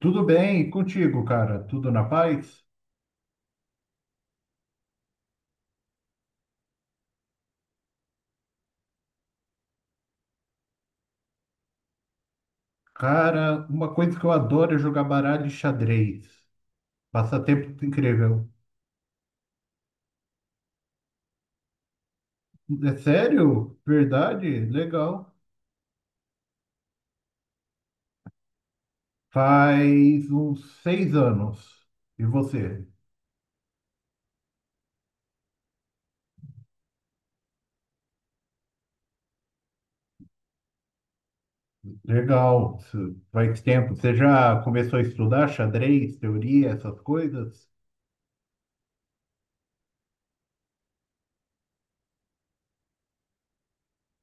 Tudo bem, e contigo, cara? Tudo na paz? Cara, uma coisa que eu adoro é jogar baralho e xadrez. Passatempo incrível. É sério? Verdade? Legal. Faz uns 6 anos. E você? Legal. Isso faz tempo. Você já começou a estudar xadrez, teoria, essas coisas?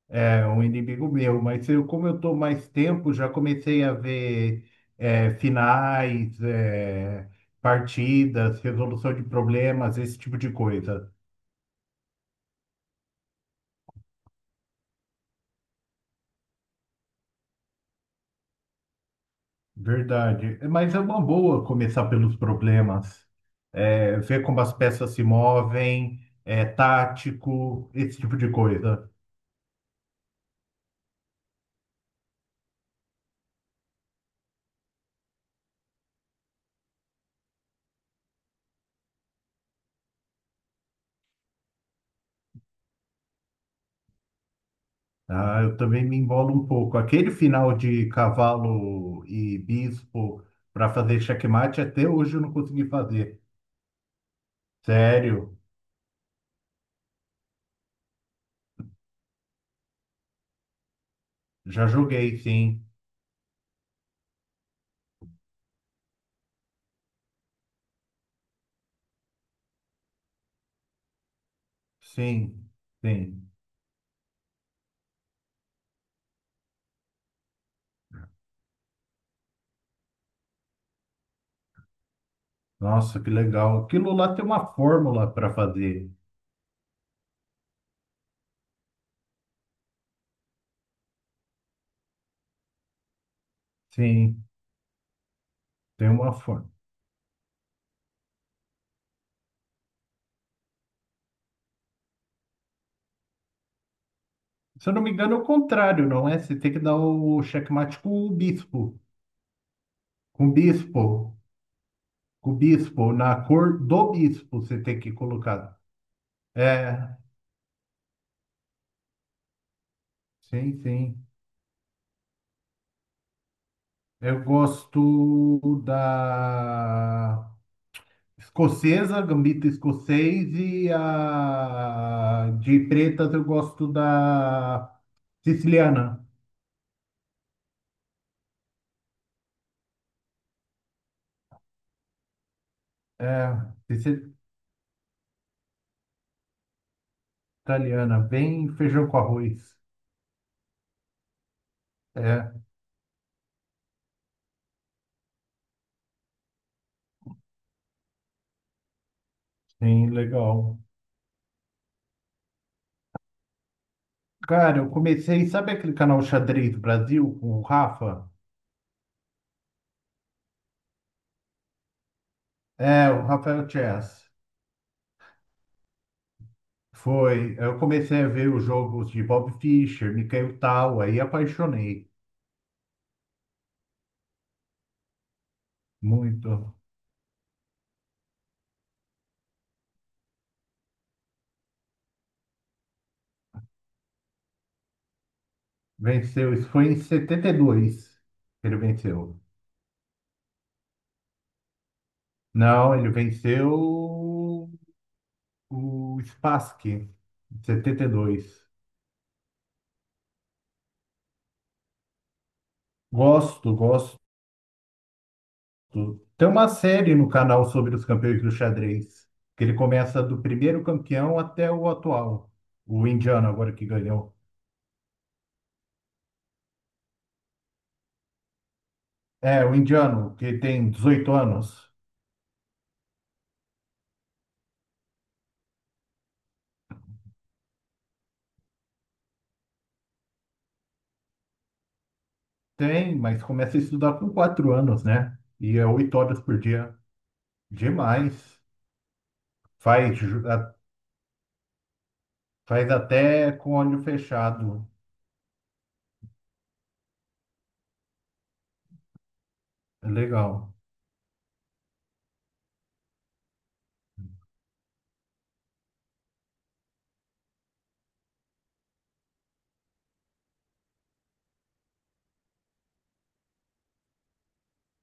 É um inimigo meu, mas eu, como eu estou mais tempo, já comecei a ver é, finais, é, partidas, resolução de problemas, esse tipo de coisa. Verdade. Mas é uma boa começar pelos problemas. É, ver como as peças se movem, é, tático, esse tipo de coisa. Ah, eu também me embolo um pouco. Aquele final de cavalo e bispo para fazer checkmate, até hoje eu não consegui fazer. Sério. Já joguei, sim. Sim, sim. Nossa, que legal. Aquilo lá tem uma fórmula para fazer. Sim, tem uma fórmula. Se eu não me engano, é o contrário, não é? Você tem que dar o checkmate com o bispo. Com o bispo. Com o bispo. Na cor do bispo você tem que colocar. É, sim, sim. Eu gosto da. Escocesa, Gambito escocês, e a de pretas eu gosto da siciliana. É, siciliana, bem feijão com arroz. É, bem legal. Cara, eu comecei, sabe aquele canal Xadrez Brasil com o Rafa? É, o Rafael Chess. Foi, eu comecei a ver os jogos de Bob Fischer, Mikhail Tal, aí apaixonei muito. Venceu, isso foi em 72 que ele venceu. Não, ele venceu o Spassky, em 72. Gosto, gosto. Tem uma série no canal sobre os campeões do xadrez, que ele começa do primeiro campeão até o atual, o indiano agora que ganhou. É, o indiano, que tem 18 anos. Tem, mas começa a estudar com 4 anos, né? E é 8 horas por dia. Demais. Faz, ju- a- Faz até com olho fechado. É legal.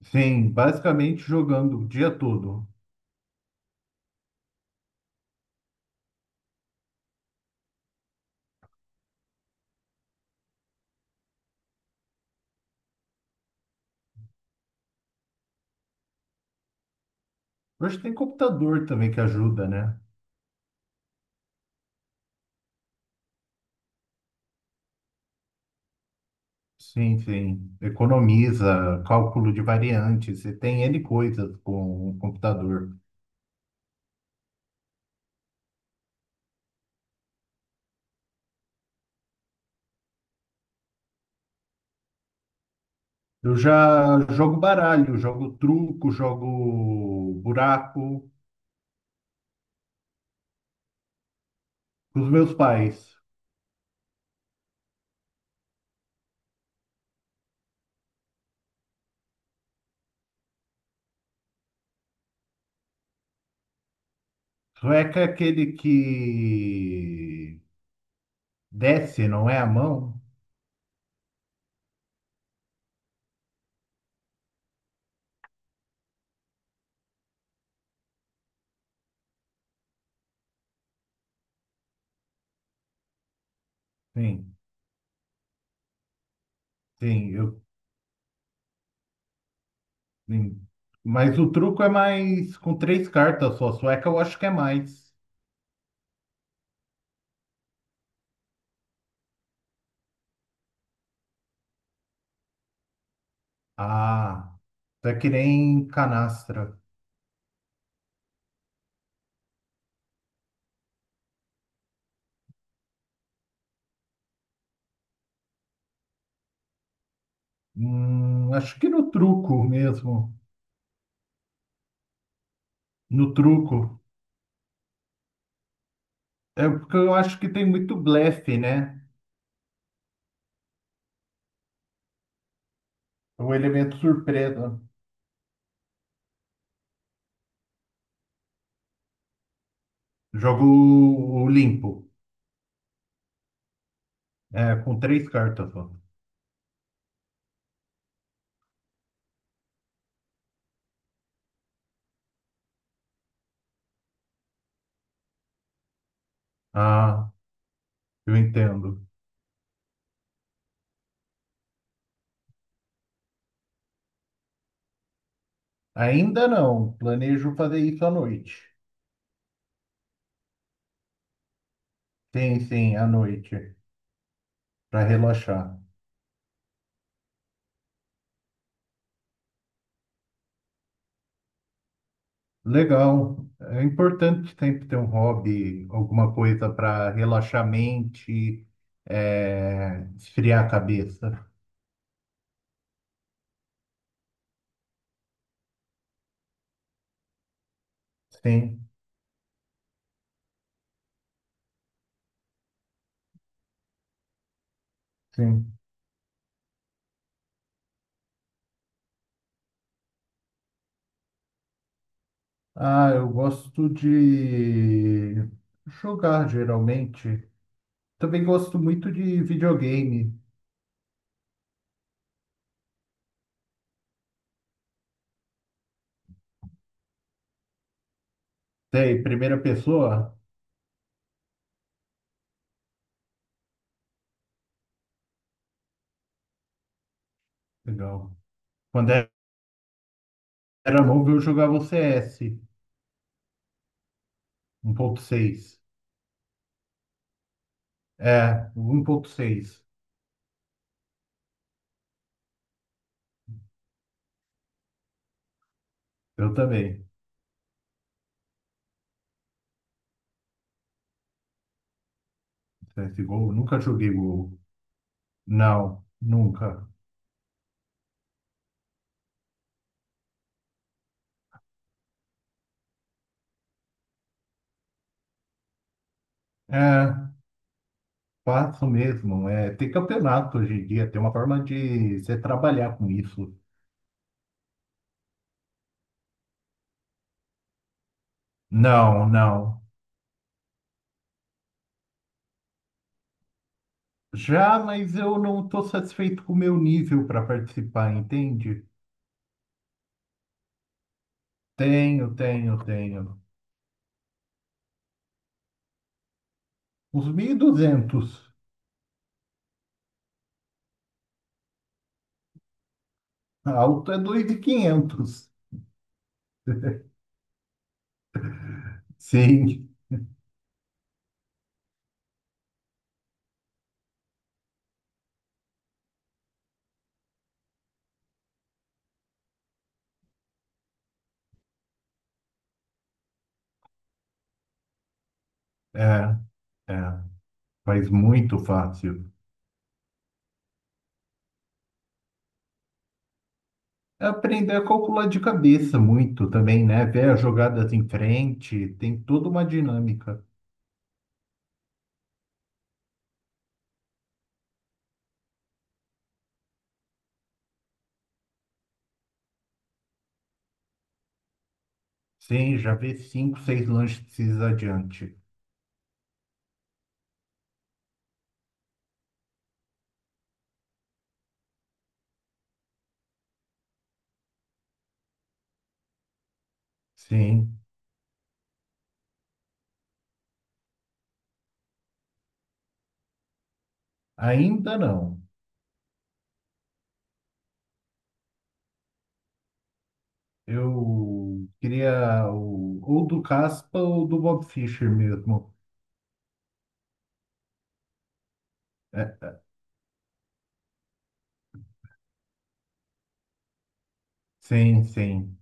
Sim, basicamente jogando o dia todo. Hoje tem computador também que ajuda, né? Sim, sim. Economiza, cálculo de variantes, e tem N coisas com o computador. Eu já jogo baralho, jogo truco, jogo buraco com os meus pais. Sueca é aquele que desce, não é a mão? Sim, sim, eu, sim. Mas o truco é mais com três cartas só. Sueca eu acho que é mais. Ah, é que nem canastra. Acho que no truco mesmo. No truco. É porque eu acho que tem muito blefe, né? O elemento surpresa. Jogo o limpo. É, com três cartas só. Ah, eu entendo. Ainda não. Planejo fazer isso à noite. Sim, sim, à noite. Para relaxar. Legal. É importante sempre ter um hobby, alguma coisa para relaxar a mente, é, esfriar a cabeça. Sim, sim. Ah, eu gosto de jogar geralmente. Também gosto muito de videogame. Sei, primeira pessoa? Legal. Quando era novo, eu jogava o CS seis. É, o 1.6. Eu também. CSGO, nunca joguei o Não, nunca. É, faço mesmo. É, tem campeonato hoje em dia, tem uma forma de você trabalhar com isso. Não, não. Já, mas eu não estou satisfeito com o meu nível para participar, entende? Tenho, tenho, tenho. Os 1.200. Alto é 2.500. Sim, é, é. Faz muito fácil. É, aprender a calcular de cabeça muito também, né? Ver as jogadas em frente, tem toda uma dinâmica. Sim, já vi cinco, seis lances adiante. Sim, ainda não. Eu queria ou do Caspa ou do Bob Fischer mesmo. É, sim, sim.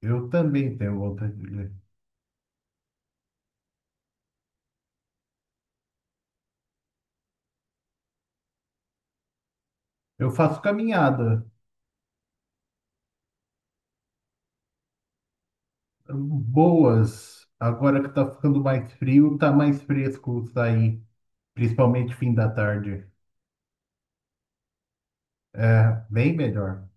Eu também tenho vontade de ler. Eu faço caminhada boas. Agora que tá ficando mais frio, tá mais fresco sair, principalmente fim da tarde. É bem melhor.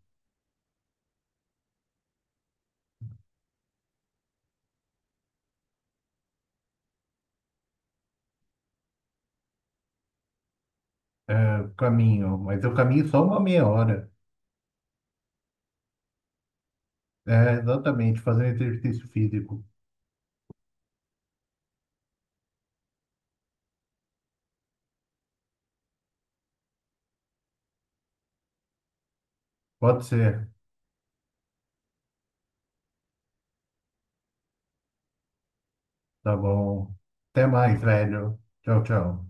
É, caminho, mas eu caminho só uma meia hora. É, exatamente, fazer exercício físico. Pode ser. Tá bom. Até mais, velho. Tchau, tchau.